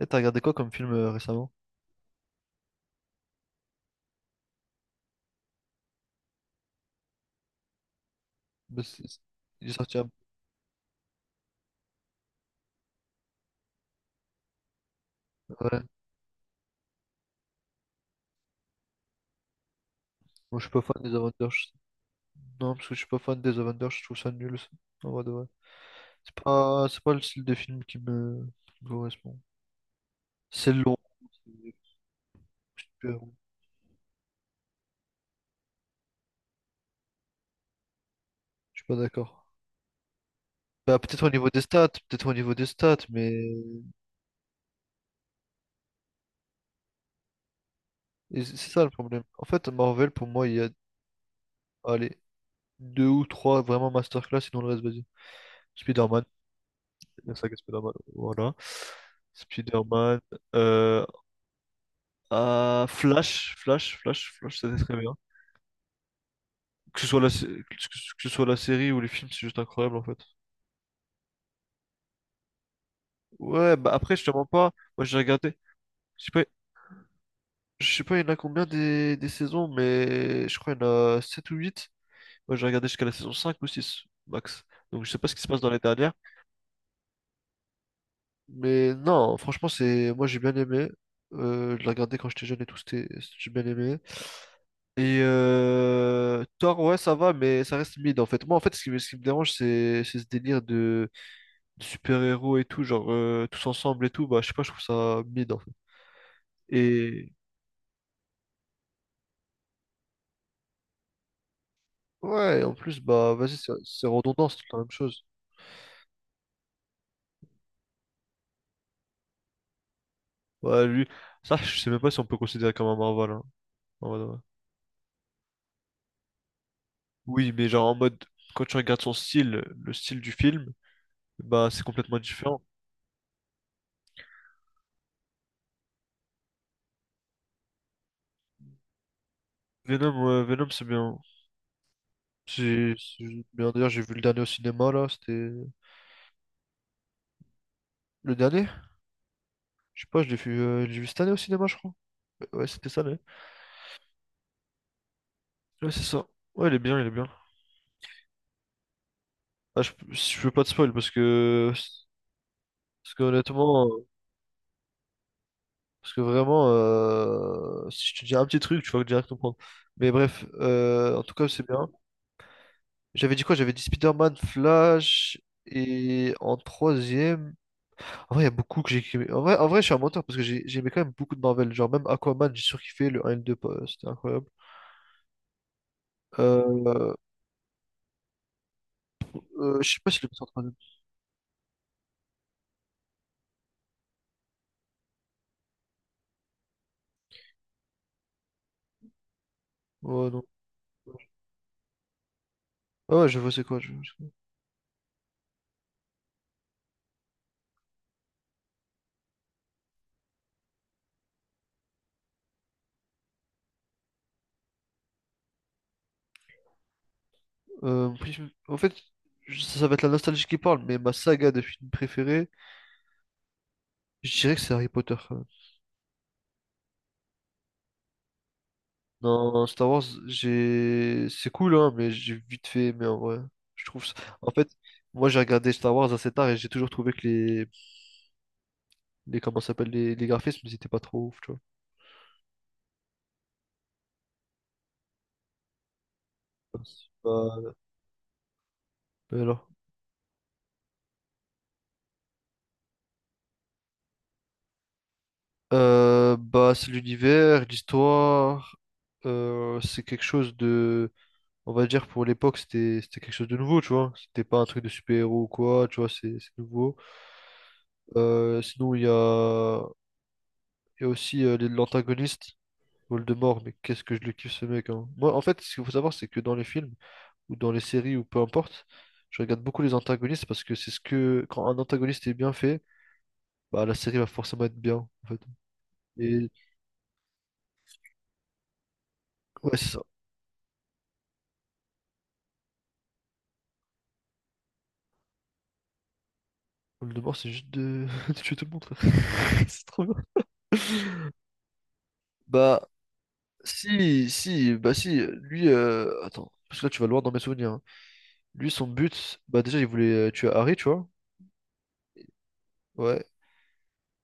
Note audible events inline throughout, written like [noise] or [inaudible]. Et t'as regardé quoi comme film récemment? Bah, Il est sorti un... Ouais. Moi, je suis pas fan des Avengers. Non, parce que je suis pas fan des Avengers, je trouve ça nul. Ça. En vrai de vrai. C'est pas le style de film qui me correspond. C'est long. C'est super long. Je suis pas d'accord. Bah, peut-être au niveau des stats, peut-être au niveau des stats, mais et c'est ça le problème. En fait, Marvel, pour moi, il y a, allez, deux ou trois vraiment masterclass, sinon le reste, vas-y. Spider-Man, la saga Spider-Man, voilà. Spider-Man, euh, Flash, c'était très bien. Que ce soit la, sé- que ce que ce soit la série ou les films, c'est juste incroyable en fait. Ouais, bah après, je te mens pas, moi j'ai regardé. Je sais pas, je sais pas, il y en a combien des saisons, mais je crois qu'il y en a 7 ou 8. Moi j'ai regardé jusqu'à la saison 5 ou 6 max. Donc je sais pas ce qui se passe dans les dernières. Mais non, franchement, c'est, moi j'ai bien aimé. Je l'ai regardé quand j'étais jeune et tout, c'était, j'ai bien aimé. Et Thor, ouais, ça va, mais ça reste mid en fait. Moi, en fait, ce qui me dérange, c'est ce délire de super-héros et tout, genre tous ensemble et tout. Bah, je sais pas, je trouve ça mid en fait. Et ouais, en plus, bah, vas-y, c'est redondant, c'est tout la même chose. Ouais, lui, ça, je sais même pas si on peut considérer comme un Marvel, hein, en mode, ouais. Oui, mais genre en mode, quand tu regardes son style, le style du film, bah, c'est complètement différent. Venom, ouais, Venom, c'est bien. C'est bien. D'ailleurs, j'ai vu le dernier au cinéma là, c'était. Le dernier? Je sais pas, je l'ai vu cette année au cinéma, je crois. Ouais, ouais, c'était ça, l'année. Ouais, c'est ça. Ouais, il est bien, il est bien. Ah, je veux pas te spoil parce que. Parce que honnêtement, parce que vraiment, si je te dis un petit truc, tu vas direct comprendre. Mais bref, en tout cas, c'est bien. J'avais dit quoi? J'avais dit Spider-Man, Flash. Et en troisième. En vrai, il y a beaucoup que j'ai kiffé. En vrai, je suis un menteur parce que j'ai aimé quand même beaucoup de Marvel. Genre, même Aquaman, j'ai surkiffé le un et le 2, pas- c'était incroyable. Euh, je sais pas si le mettre en troisième. Ouais, non. Ah ouais, je vois c'est quoi. En fait, ça va être la nostalgie qui parle, mais ma saga de films préférée, je dirais que c'est Harry Potter, quand même. Non, Star Wars, j'ai... c'est cool, hein, mais j'ai vite fait aimé en vrai. Je trouve ça... En fait, moi j'ai regardé Star Wars assez tard et j'ai toujours trouvé que les comment ça s'appelle les graphismes, ils étaient pas trop ouf, tu vois. Bah, mais alors. Bah, c'est l'univers, l'histoire, c'est quelque chose de... on va dire pour l'époque c'était quelque chose de nouveau, tu vois. C'était pas un truc de super-héros ou quoi, tu vois, c'est nouveau. Sinon il y a aussi l'antagoniste Voldemort, mais qu'est-ce que je le kiffe ce mec, hein. Moi en fait, ce qu'il faut savoir c'est que dans les films ou dans les séries ou peu importe, je regarde beaucoup les antagonistes parce que c'est ce que quand un antagoniste est bien fait, bah la série va forcément être bien en fait. Et ouais, c'est ça. Voldemort, c'est juste de... [laughs] de tuer tout le monde, frère. [laughs] C'est trop bien. Bah, si, si, bah si, lui, attends, parce que là tu vas loin dans mes souvenirs, hein. Lui, son but, bah déjà il voulait tuer Harry, tu vois, ouais.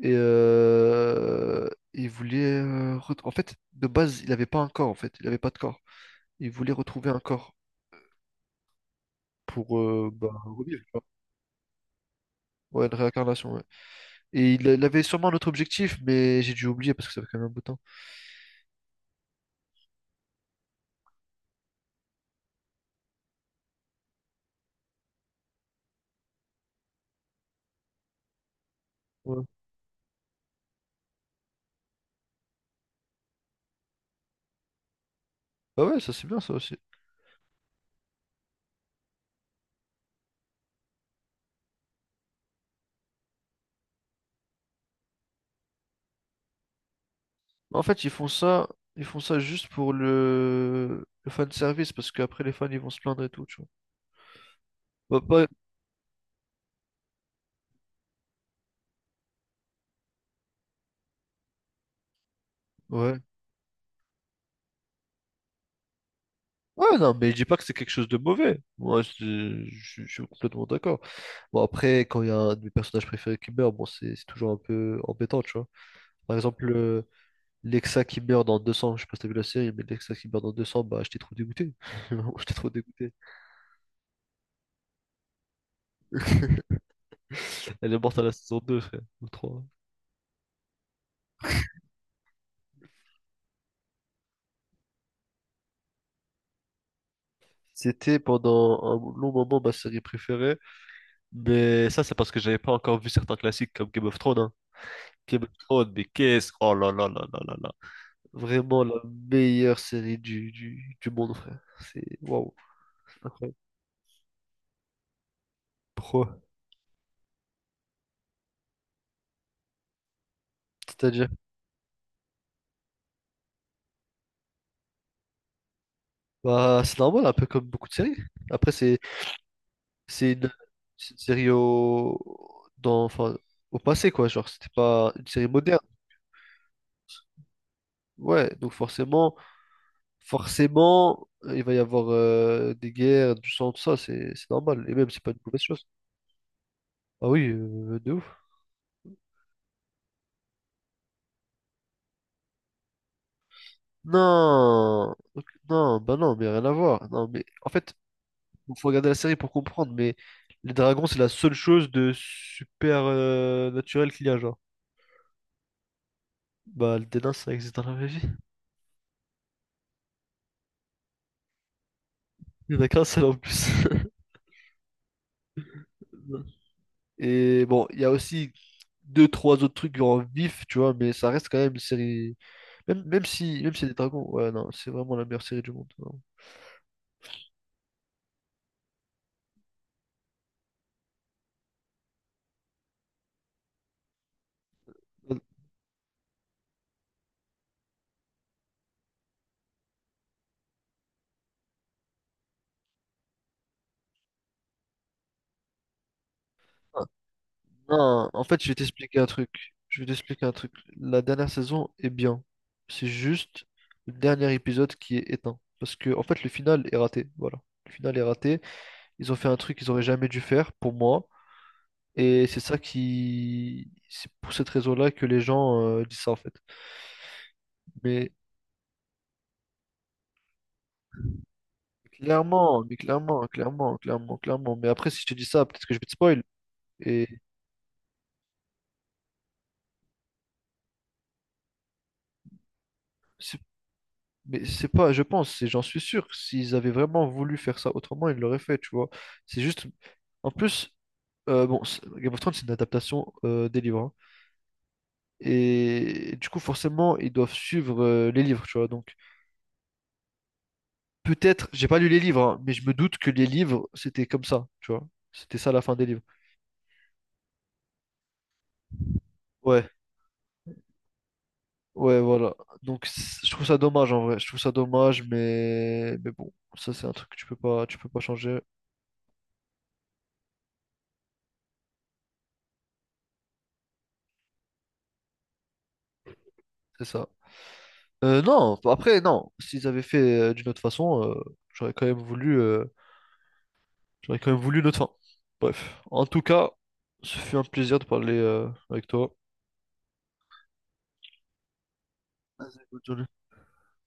Et en fait, de base, il avait pas un corps, en fait, il avait pas de corps. Il voulait retrouver un corps pour bah, revivre, tu vois. Ouais, une réincarnation, ouais. Et il avait sûrement un autre objectif, mais j'ai dû oublier parce que ça fait quand même un bout de temps. Ouais. Bah ouais, ça c'est bien ça aussi. En fait, ils font ça juste pour le fan service parce qu'après les fans ils vont se plaindre et tout, tu vois. Bah, ouais. Ouais, non, mais je dis pas que c'est quelque chose de mauvais. Moi, je suis complètement d'accord. Bon, après, quand il y a un de mes personnages préférés qui meurt, bon, c'est toujours un peu embêtant, tu vois. Par exemple, Lexa qui meurt dans 200 je sais pas si t'as vu la série, mais Lexa qui meurt dans deux cents, bah, j'étais trop dégoûté. [laughs] Vraiment, j'étais trop dégoûté. [laughs] Elle est morte à la saison deux, frère, ou trois. C'était pendant un long moment ma série préférée, mais ça, c'est parce que j'avais pas encore vu certains classiques comme Game of Thrones, hein. Game of Thrones, mais qu'est-ce... Oh là là là là là là. Vraiment la meilleure série du monde, frère. C'est waouh, incroyable. Pourquoi? C'est-à-dire, bah, c'est normal, un peu comme beaucoup de séries. Après, c'est une, c'est une série au, dans, enfin, au passé, quoi. Genre, c'était pas une série moderne. Ouais, donc forcément, forcément, il va y avoir des guerres, du sang, tout ça, c'est normal. Et même, c'est pas une mauvaise chose. Ah oui, de ouf. Non, ok, non, bah non, mais rien à voir. Non, mais en fait, bon, faut regarder la série pour comprendre, mais les dragons, c'est la seule chose de super naturel qu'il y a, genre. Bah, le dédain, ça existe dans la vraie vie. Il y en a qu'un seul en plus. [laughs] Et bon, il y a aussi deux, trois autres trucs en vif, tu vois, mais ça reste quand même une série. Même si y a des dragons, ouais, non, c'est vraiment la meilleure série du monde, vraiment. Non, en fait, je vais t'expliquer un truc. Je vais t'expliquer un truc. La dernière saison est bien. C'est juste le dernier épisode qui est éteint. Parce que, en fait, le final est raté. Voilà. Le final est raté. Ils ont fait un truc qu'ils auraient jamais dû faire, pour moi. Et c'est ça qui. C'est pour cette raison-là que les gens disent ça, en fait. Mais mais clairement, clairement, clairement, clairement. Mais après, si je te dis ça, peut-être que je vais te spoil. Et mais c'est pas, je pense, et j'en suis sûr, que s'ils avaient vraiment voulu faire ça autrement, ils l'auraient fait, tu vois. C'est juste, en plus, bon, Game of Thrones, c'est une adaptation des livres, hein. Et, du coup, forcément, ils doivent suivre les livres, tu vois. Donc, peut-être, j'ai pas lu les livres, hein, mais je me doute que les livres, c'était comme ça, tu vois. C'était ça la fin des livres. Ouais, ouais, voilà. Donc, je trouve ça dommage, en vrai. Je trouve ça dommage, mais bon, ça, c'est un truc que tu peux pas changer, c'est ça. Non, enfin, après, non. S'ils avaient fait d'une autre façon, j'aurais quand même voulu, euh, j'aurais quand même voulu notre fin. Bref, en tout cas, ce fut un plaisir de parler avec toi. Bonne journée.